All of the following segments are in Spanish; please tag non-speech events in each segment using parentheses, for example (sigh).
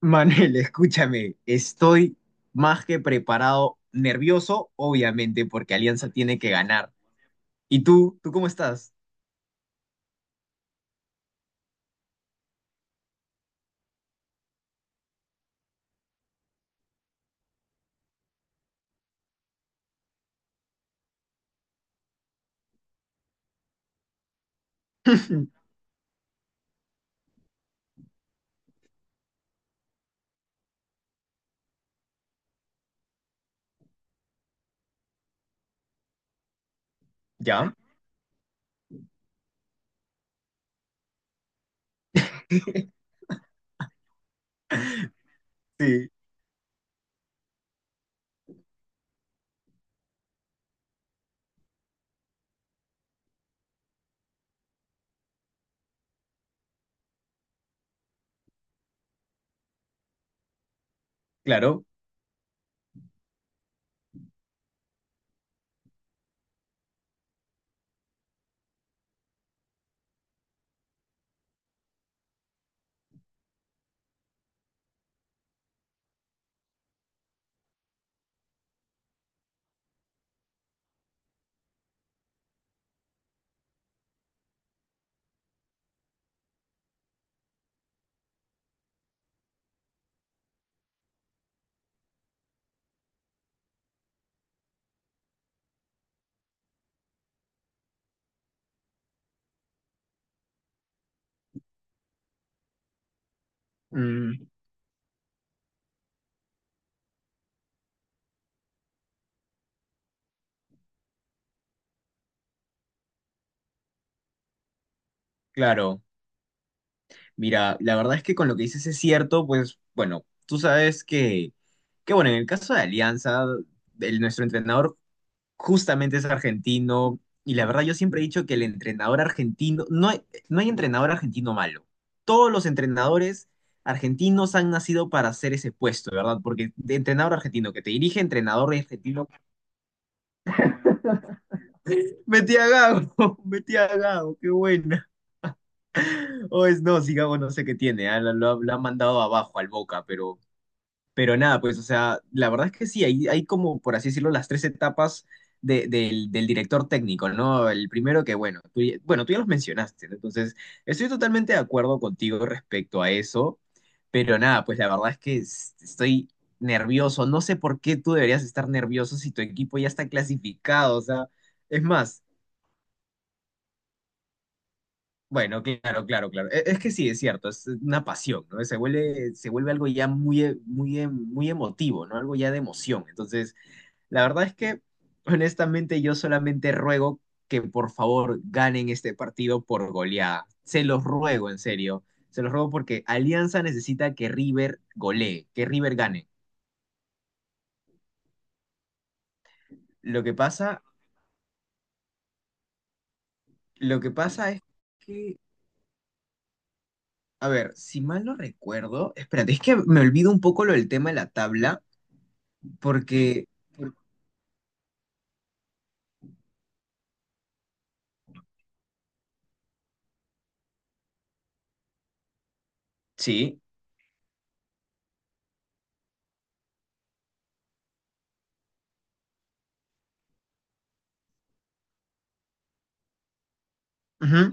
Manuel, (laughs) escúchame, estoy más que preparado, nervioso, obviamente, porque Alianza tiene que ganar. ¿Y tú? ¿Tú cómo estás? (laughs) ¿Ya? Sí, claro. Mm, claro. Mira, la verdad es que con lo que dices es cierto, pues bueno, tú sabes que bueno, en el caso de Alianza, nuestro entrenador justamente es argentino y la verdad yo siempre he dicho que el entrenador argentino, no hay entrenador argentino malo. Todos los entrenadores argentinos han nacido para hacer ese puesto, ¿verdad? Porque de entrenador argentino que te dirige, entrenador argentino, metí a Gago, (laughs) metí a Gago, qué buena. O es no, si Gago no sé qué tiene, ah, Lo ha mandado abajo al Boca, pero nada, pues, o sea, la verdad es que sí, hay como, por así decirlo, las tres etapas del director técnico, ¿no? El primero que, bueno, bueno, tú ya los mencionaste, ¿no? Entonces estoy totalmente de acuerdo contigo respecto a eso, pero nada, pues la verdad es que estoy nervioso, no sé por qué tú deberías estar nervioso si tu equipo ya está clasificado, o sea, es más, bueno, claro, es, que sí, es cierto, es una pasión, ¿no? Se vuelve algo ya muy, muy, muy emotivo, ¿no? Algo ya de emoción, entonces… La verdad es que, honestamente, yo solamente ruego que por favor ganen este partido por goleada. Se los ruego, en serio. Se los ruego porque Alianza necesita que River golee, que River gane. Lo que pasa, lo que pasa es que, a ver, si mal no recuerdo, espérate, es que me olvido un poco lo del tema de la tabla, porque, por- sí, ujú.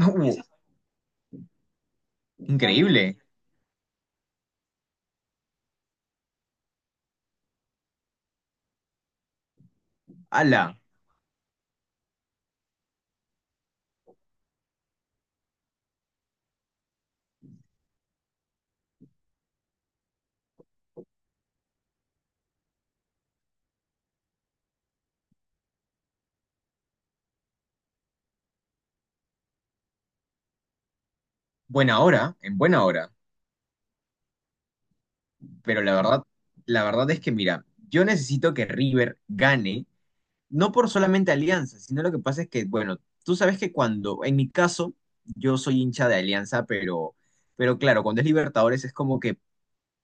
Uh, increíble. Ala, buena hora, en buena hora. Pero la verdad es que, mira, yo necesito que River gane, no por solamente Alianza, sino lo que pasa es que, bueno, tú sabes que cuando, en mi caso, yo soy hincha de Alianza, pero claro, cuando es Libertadores es como que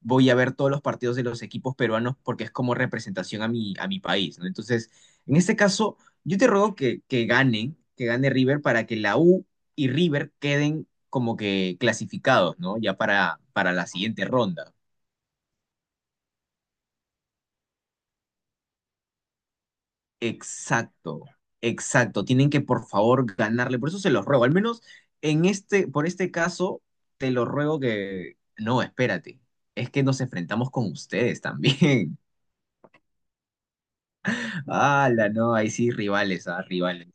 voy a ver todos los partidos de los equipos peruanos porque es como representación a mi país, ¿no? Entonces, en este caso, yo te ruego que ganen, que gane River para que la U y River queden como que clasificados, ¿no? Ya para la siguiente ronda. Exacto, exacto. Tienen que, por favor, ganarle. Por eso se los ruego. Al menos en este, por este caso, te lo ruego que. No, espérate. Es que nos enfrentamos con ustedes también. (laughs) La no, ahí sí, rivales, ah, rivales.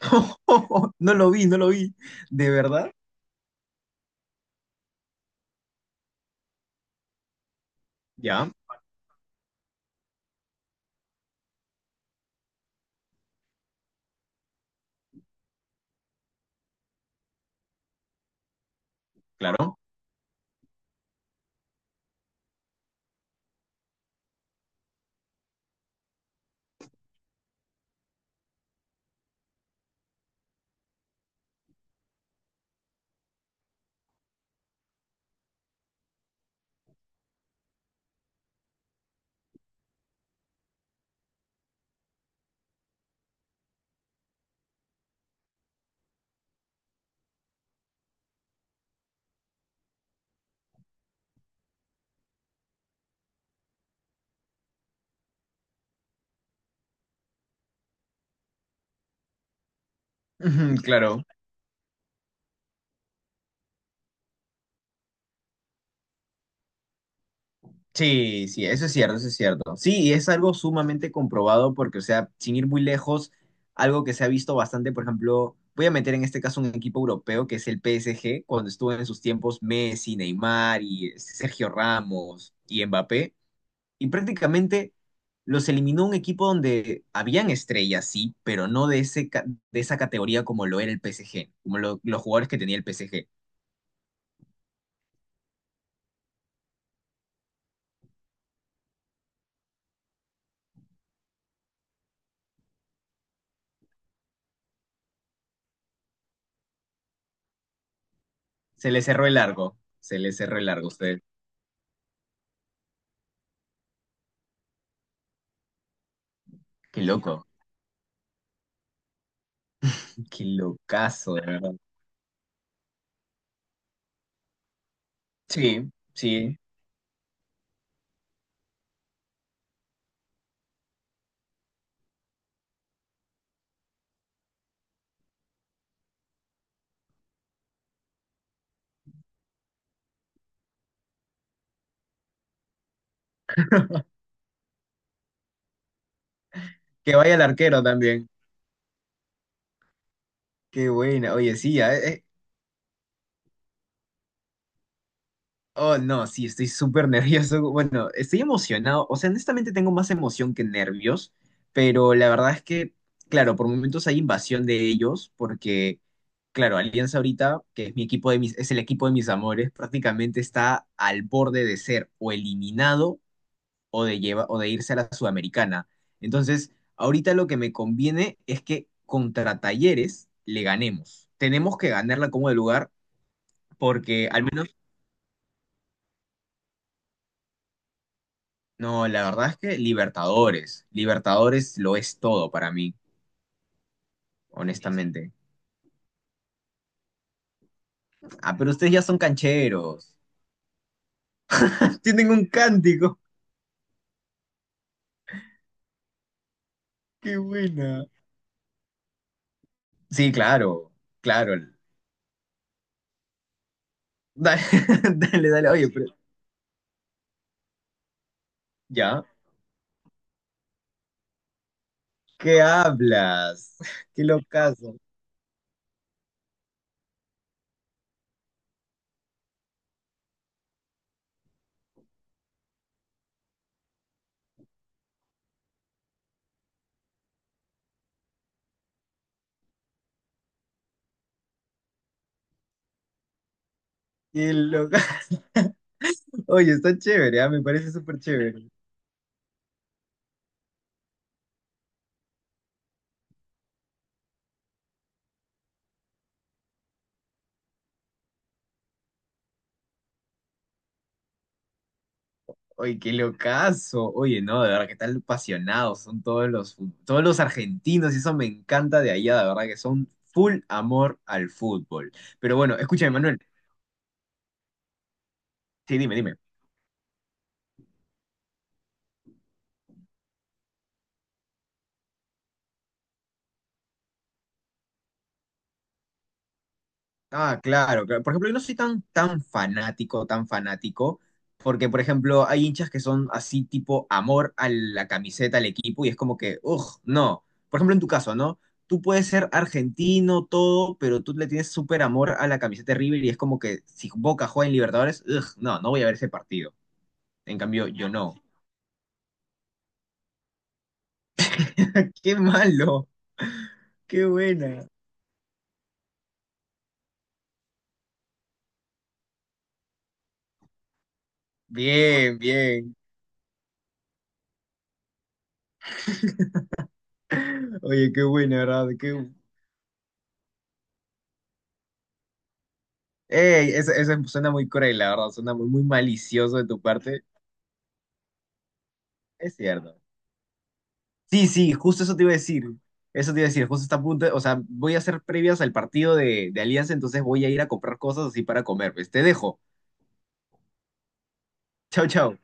(laughs) No lo vi, no lo vi. ¿De verdad? Ya, claro. (laughs) Ujú, claro. Sí, sí, eso es cierto, eso es cierto. Sí, y es algo sumamente comprobado porque, o sea, sin ir muy lejos, algo que se ha visto bastante, por ejemplo, voy a meter en este caso un equipo europeo que es el PSG, cuando estuvo en sus tiempos Messi, Neymar y Sergio Ramos y Mbappé, y prácticamente los eliminó un equipo donde habían estrellas, sí, pero no de ese, de esa categoría como lo era el PSG, como los jugadores que tenía el PSG. Se le cerró el largo, se le cerró el largo, usted. Qué loco. Qué locazo, de verdad. Sí, sí. Que vaya el arquero también. Qué buena. Oye, sí, ya, Oh, no, sí, estoy súper (laughs) nervioso. Bueno, estoy emocionado. O sea, honestamente tengo más emoción que nervios, pero la verdad es que, claro, por momentos hay invasión de ellos, porque, claro, Alianza ahorita, que es mi equipo de mis, es el equipo de mis amores, prácticamente está al borde de ser o eliminado o de, lleva, o de irse a la Sudamericana. Entonces, ahorita lo que me conviene es que contra Talleres le ganemos. Tenemos que ganarla como de lugar porque al menos, no, la verdad es que Libertadores, Libertadores lo es todo para mí, honestamente. Ah, pero ustedes ya son cancheros. (laughs) Tienen un cántico. Qué buena. Sí, claro, claro. Dale, (laughs) dale, dale. Oye, pero ya. ¿Qué hablas? (laughs) Qué locazo. Qué locazo. (laughs) Oye, está chévere, ah, me parece súper chévere. Oye, qué locazo. Oye, no, de verdad que tan apasionados son todos los, todos los argentinos y eso me encanta de allá, de verdad que son full amor al fútbol. Pero bueno, escúchame, Manuel. Sí, dime, dime. Ah, claro, claro. Por ejemplo, yo no soy tan fanático, porque, por ejemplo, hay hinchas que son así tipo amor a la camiseta, al equipo, y es como que, uff, no. Por ejemplo, en tu caso, ¿no? Tú puedes ser argentino, todo, pero tú le tienes súper amor a la camiseta de River y es como que si Boca juega en Libertadores, ugh, no, no voy a ver ese partido. En cambio, yo no. (laughs) ¡Qué malo! ¡Qué buena! Bien, bien. Oye, qué buena, ¿verdad? Qué, ey, ese suena muy cruel, la verdad, suena muy, muy malicioso de tu parte. Es cierto. Sí, sí, justo eso te iba a decir. Eso te iba a decir, justo está a punto, o sea, voy a hacer previas al partido de Alianza, entonces voy a ir a comprar cosas así para comer. Pues te dejo. Chao, chao.